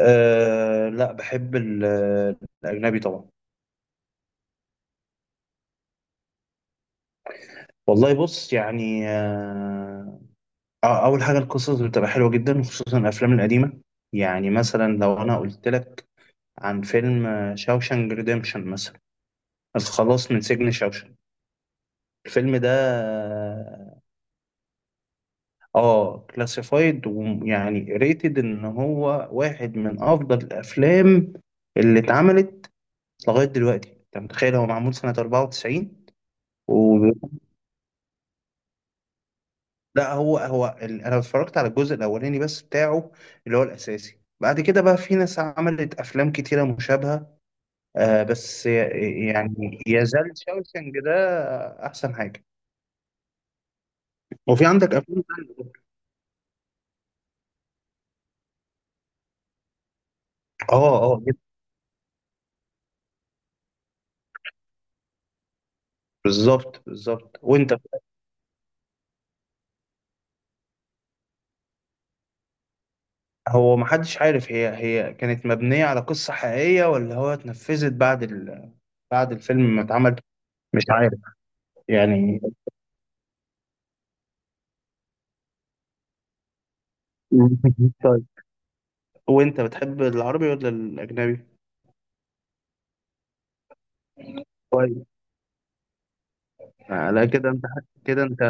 أه لا بحب الأجنبي طبعا. والله بص يعني أول حاجة القصص بتبقى حلوة جدا، خصوصا الأفلام القديمة. يعني مثلا لو أنا قلت لك عن فيلم شاوشانج ريديمشن مثلا، الخلاص من سجن شاوشانج، الفيلم ده اه كلاسيفايد ويعني ريتد، إن هو واحد من أفضل الأفلام اللي اتعملت لغاية دلوقتي. أنت متخيل؟ هو معمول سنة 94. لا، هو انا اتفرجت على الجزء الاولاني بس بتاعه، اللي هو الاساسي. بعد كده بقى في ناس عملت افلام كتيره مشابهه. بس يعني يزال شاوشنج ده احسن حاجه. وفي عندك افلام تانية. اه، اه، جدا. بالظبط، بالظبط. وانت، هو محدش عارف هي كانت مبنيه على قصه حقيقيه، ولا هو اتنفذت بعد بعد الفيلم ما اتعمل. مش عارف. يعني. طيب، وانت بتحب العربي ولا الاجنبي؟ لا، كده انت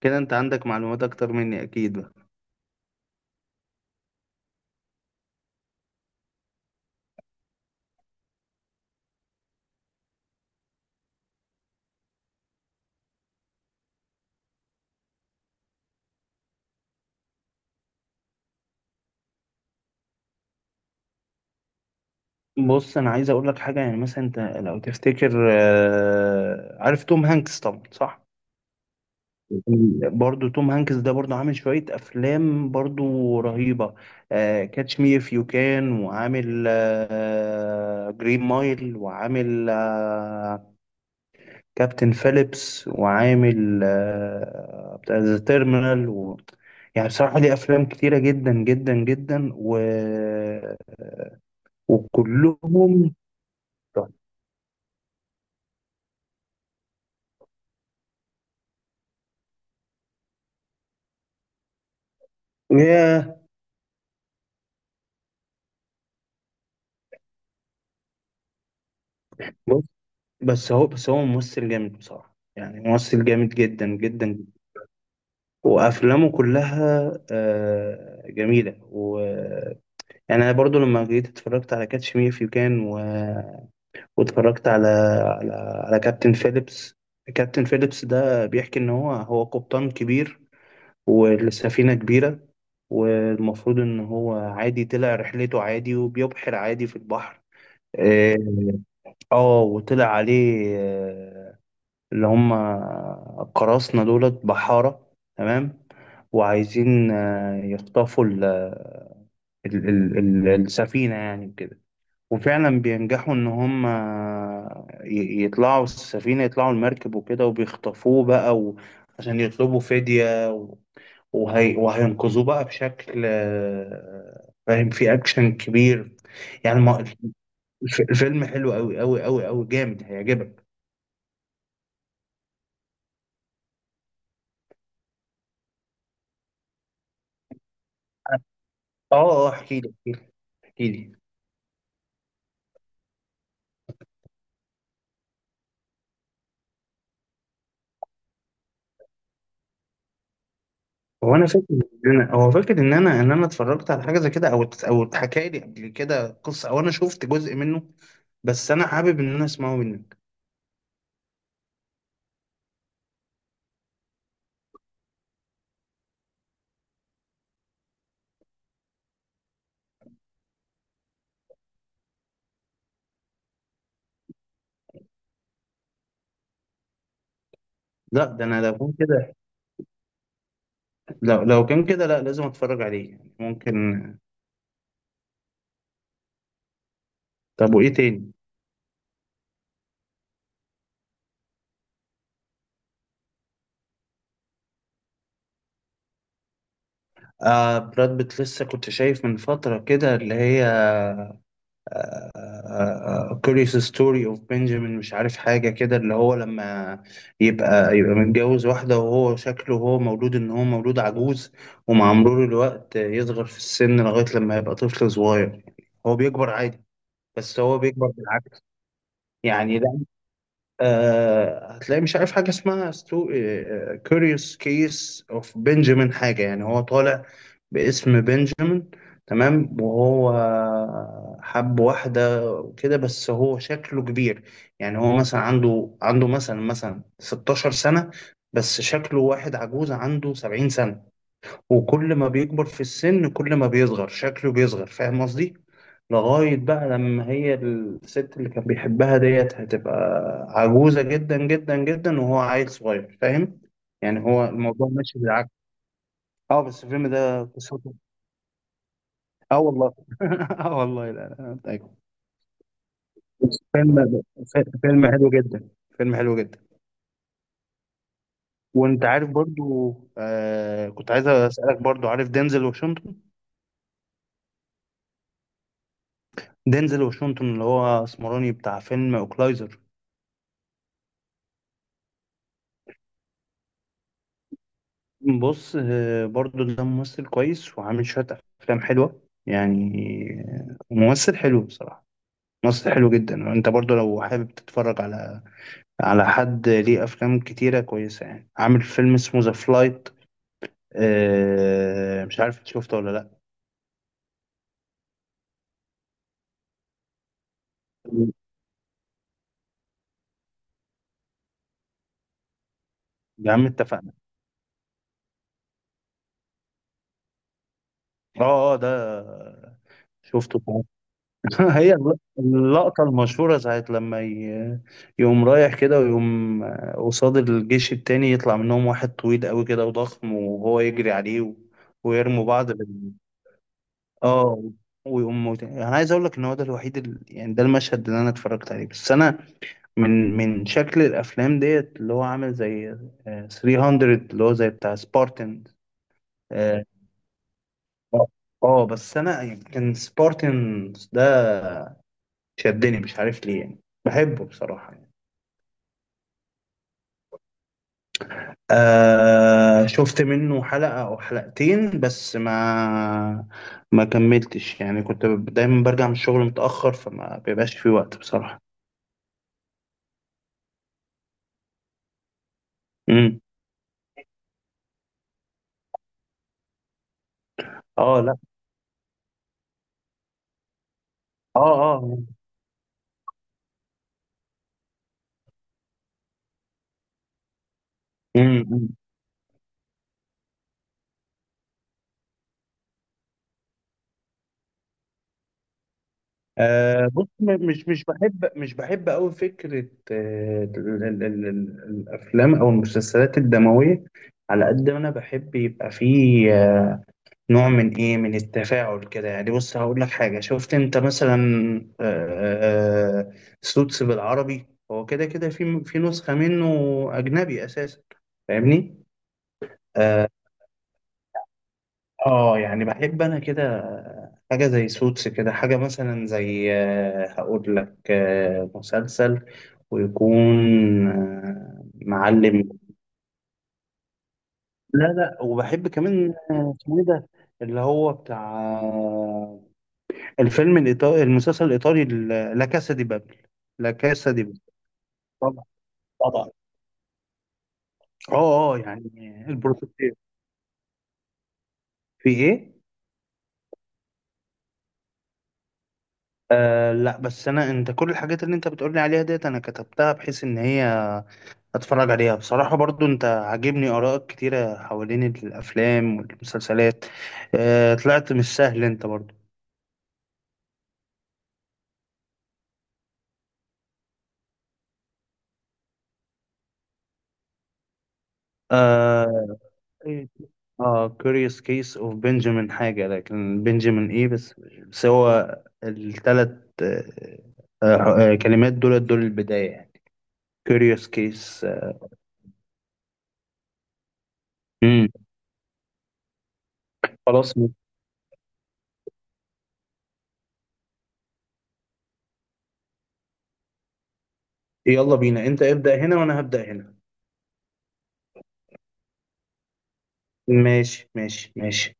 كده انت عندك معلومات اكتر مني اكيد بقى. بص انا عايز اقول لك حاجه، يعني مثلا انت لو تفتكر، عارف توم هانكس طبعا، صح؟ برضو توم هانكس ده برضو عامل شويه افلام برضو رهيبه: كاتش مي اف يو كان، وعامل جرين مايل، وعامل كابتن فيليبس، وعامل بتاع ذا تيرمينال. يعني بصراحة ليه أفلام كتيرة جدا جدا جدا، وكلهم. ياه. بص- بس هو ممثل جامد بصراحة، يعني ممثل جامد جدا جدا. وأفلامه كلها جميلة. و يعني أنا برضو لما جيت اتفرجت على كاتش مي إف يو كان، واتفرجت على على كابتن فيليبس. كابتن فيليبس ده بيحكي ان هو قبطان كبير، والسفينة كبيرة، والمفروض ان هو عادي طلع رحلته عادي وبيبحر عادي في البحر. اه، وطلع عليه اللي هم القراصنة دولت بحارة، تمام. وعايزين يخطفوا السفينة يعني كده. وفعلا بينجحوا ان هم يطلعوا السفينة، يطلعوا المركب وكده، وبيخطفوه بقى، عشان يطلبوا فدية وهينقذوه بقى بشكل، فاهم، في اكشن كبير. يعني ما... الفيلم حلو قوي قوي قوي قوي جامد، هيعجبك. اه، اه، احكي لي، احكي لي، احكي لي. هو انا فاكر ان هو فاكر ان انا اتفرجت على حاجه زي كده، او اتحكى لي قبل كده قصه، او انا شفت جزء منه. بس انا حابب ان انا اسمعه منك. لا ده انا لو كان كده، لو كان كده، لا، لازم اتفرج عليه، يعني ممكن. طب وايه تاني؟ آه براد بيت، لسه كنت شايف من فترة كده اللي هي كوريوس ستوري اوف بنجامين، مش عارف حاجة كده، اللي هو لما يبقى متجوز واحدة، وهو شكله هو مولود عجوز، ومع مرور الوقت يصغر في السن لغاية لما يبقى طفل صغير. هو بيكبر عادي، بس هو بيكبر بالعكس يعني، لا. آه، هتلاقي مش عارف حاجة اسمها كوريوس كيس اوف بنجامين حاجة، يعني هو طالع باسم بنجامين، تمام. وهو حب واحدة وكده، بس هو شكله كبير، يعني هو مثلا عنده عنده مثلا مثلا 16 سنة، بس شكله واحد عجوز عنده 70 سنة. وكل ما بيكبر في السن كل ما بيصغر، شكله بيصغر، فاهم قصدي؟ لغاية بقى لما هي الست اللي كان بيحبها ديت هتبقى عجوزة جدا جدا جدا، وهو عيل صغير، فاهم؟ يعني هو الموضوع ماشي بالعكس. اه بس الفيلم ده قصته، اه والله. اه والله، لا، لا، أنا متأكد. بس فيلم حلو جدا، فيلم حلو جدا. وانت عارف برضو، كنت عايز اسألك، برضو عارف دينزل واشنطن؟ دينزل واشنطن اللي هو اسمراني بتاع فيلم اوكلايزر. بص، برضو ده ممثل كويس وعامل شوية أفلام حلوة يعني، ممثل حلو بصراحة، ممثل حلو جدا. وانت برضو لو حابب تتفرج على حد ليه أفلام كتيرة كويسة، يعني عامل فيلم اسمه ذا فلايت، مش عارف إنت شفته ولا لأ. يا عم اتفقنا. اه، اه، ده شفته. هي اللقطة المشهورة، ساعة لما يقوم رايح كده، ويقوم قصاد الجيش التاني يطلع منهم واحد طويل قوي كده وضخم، وهو يجري عليه، ويرموا بعض اه. ويقوم انا عايز اقول لك ان هو ده الوحيد يعني ده المشهد اللي انا اتفرجت عليه، بس انا من شكل الافلام ديت اللي هو عامل زي 300، اللي هو زي بتاع سبارتن. اه، آه، بس انا يعني كان سبارتن ده شدني، مش عارف ليه، يعني بحبه بصراحة يعني. آه شفت منه حلقة أو حلقتين، بس ما كملتش، يعني كنت دايما برجع من الشغل متأخر، فما بيبقاش في وقت بصراحة. امم. اه، لا. اه، اه. امم. آه بص، مش بحب أوي فكرة الأفلام أو المسلسلات الدموية. على قد ما أنا بحب يبقى فيه نوع من ايه، من التفاعل كده يعني. بص هقول لك حاجه، شفت انت مثلا آه، آه، سوتس بالعربي؟ هو كده كده، في نسخه منه اجنبي اساسا، فاهمني؟ اه، يعني بحب انا كده حاجه زي سوتس كده، حاجه مثلا زي هقول لك، مسلسل ويكون معلم. لا، لا، وبحب كمان، اسمه ايه ده اللي هو بتاع الفيلم الإيطالي، المسلسل الإيطالي، لا كاسا دي بابل. لا كاسا دي بابل، طبعا، طبعا. اه، اه، يعني البروفيتير، في ايه؟ آه لا، بس انت كل الحاجات اللي انت بتقولي عليها ديت انا كتبتها بحيث ان هي اتفرج عليها بصراحة، برضو انت عاجبني ارائك كتيرة حوالين الافلام والمسلسلات. آه طلعت مش سهل انت برضو. آه، إيه. اه كوريوس كيس اوف بنجامين حاجة، لكن بنجامين ايه؟ بس هو الثلاث كلمات دول البداية، يعني كوريوس كيس. امم. خلاص. يلا بينا، انت ابدأ هنا وانا هبدأ هنا. ماشي، ماشي، ماشي.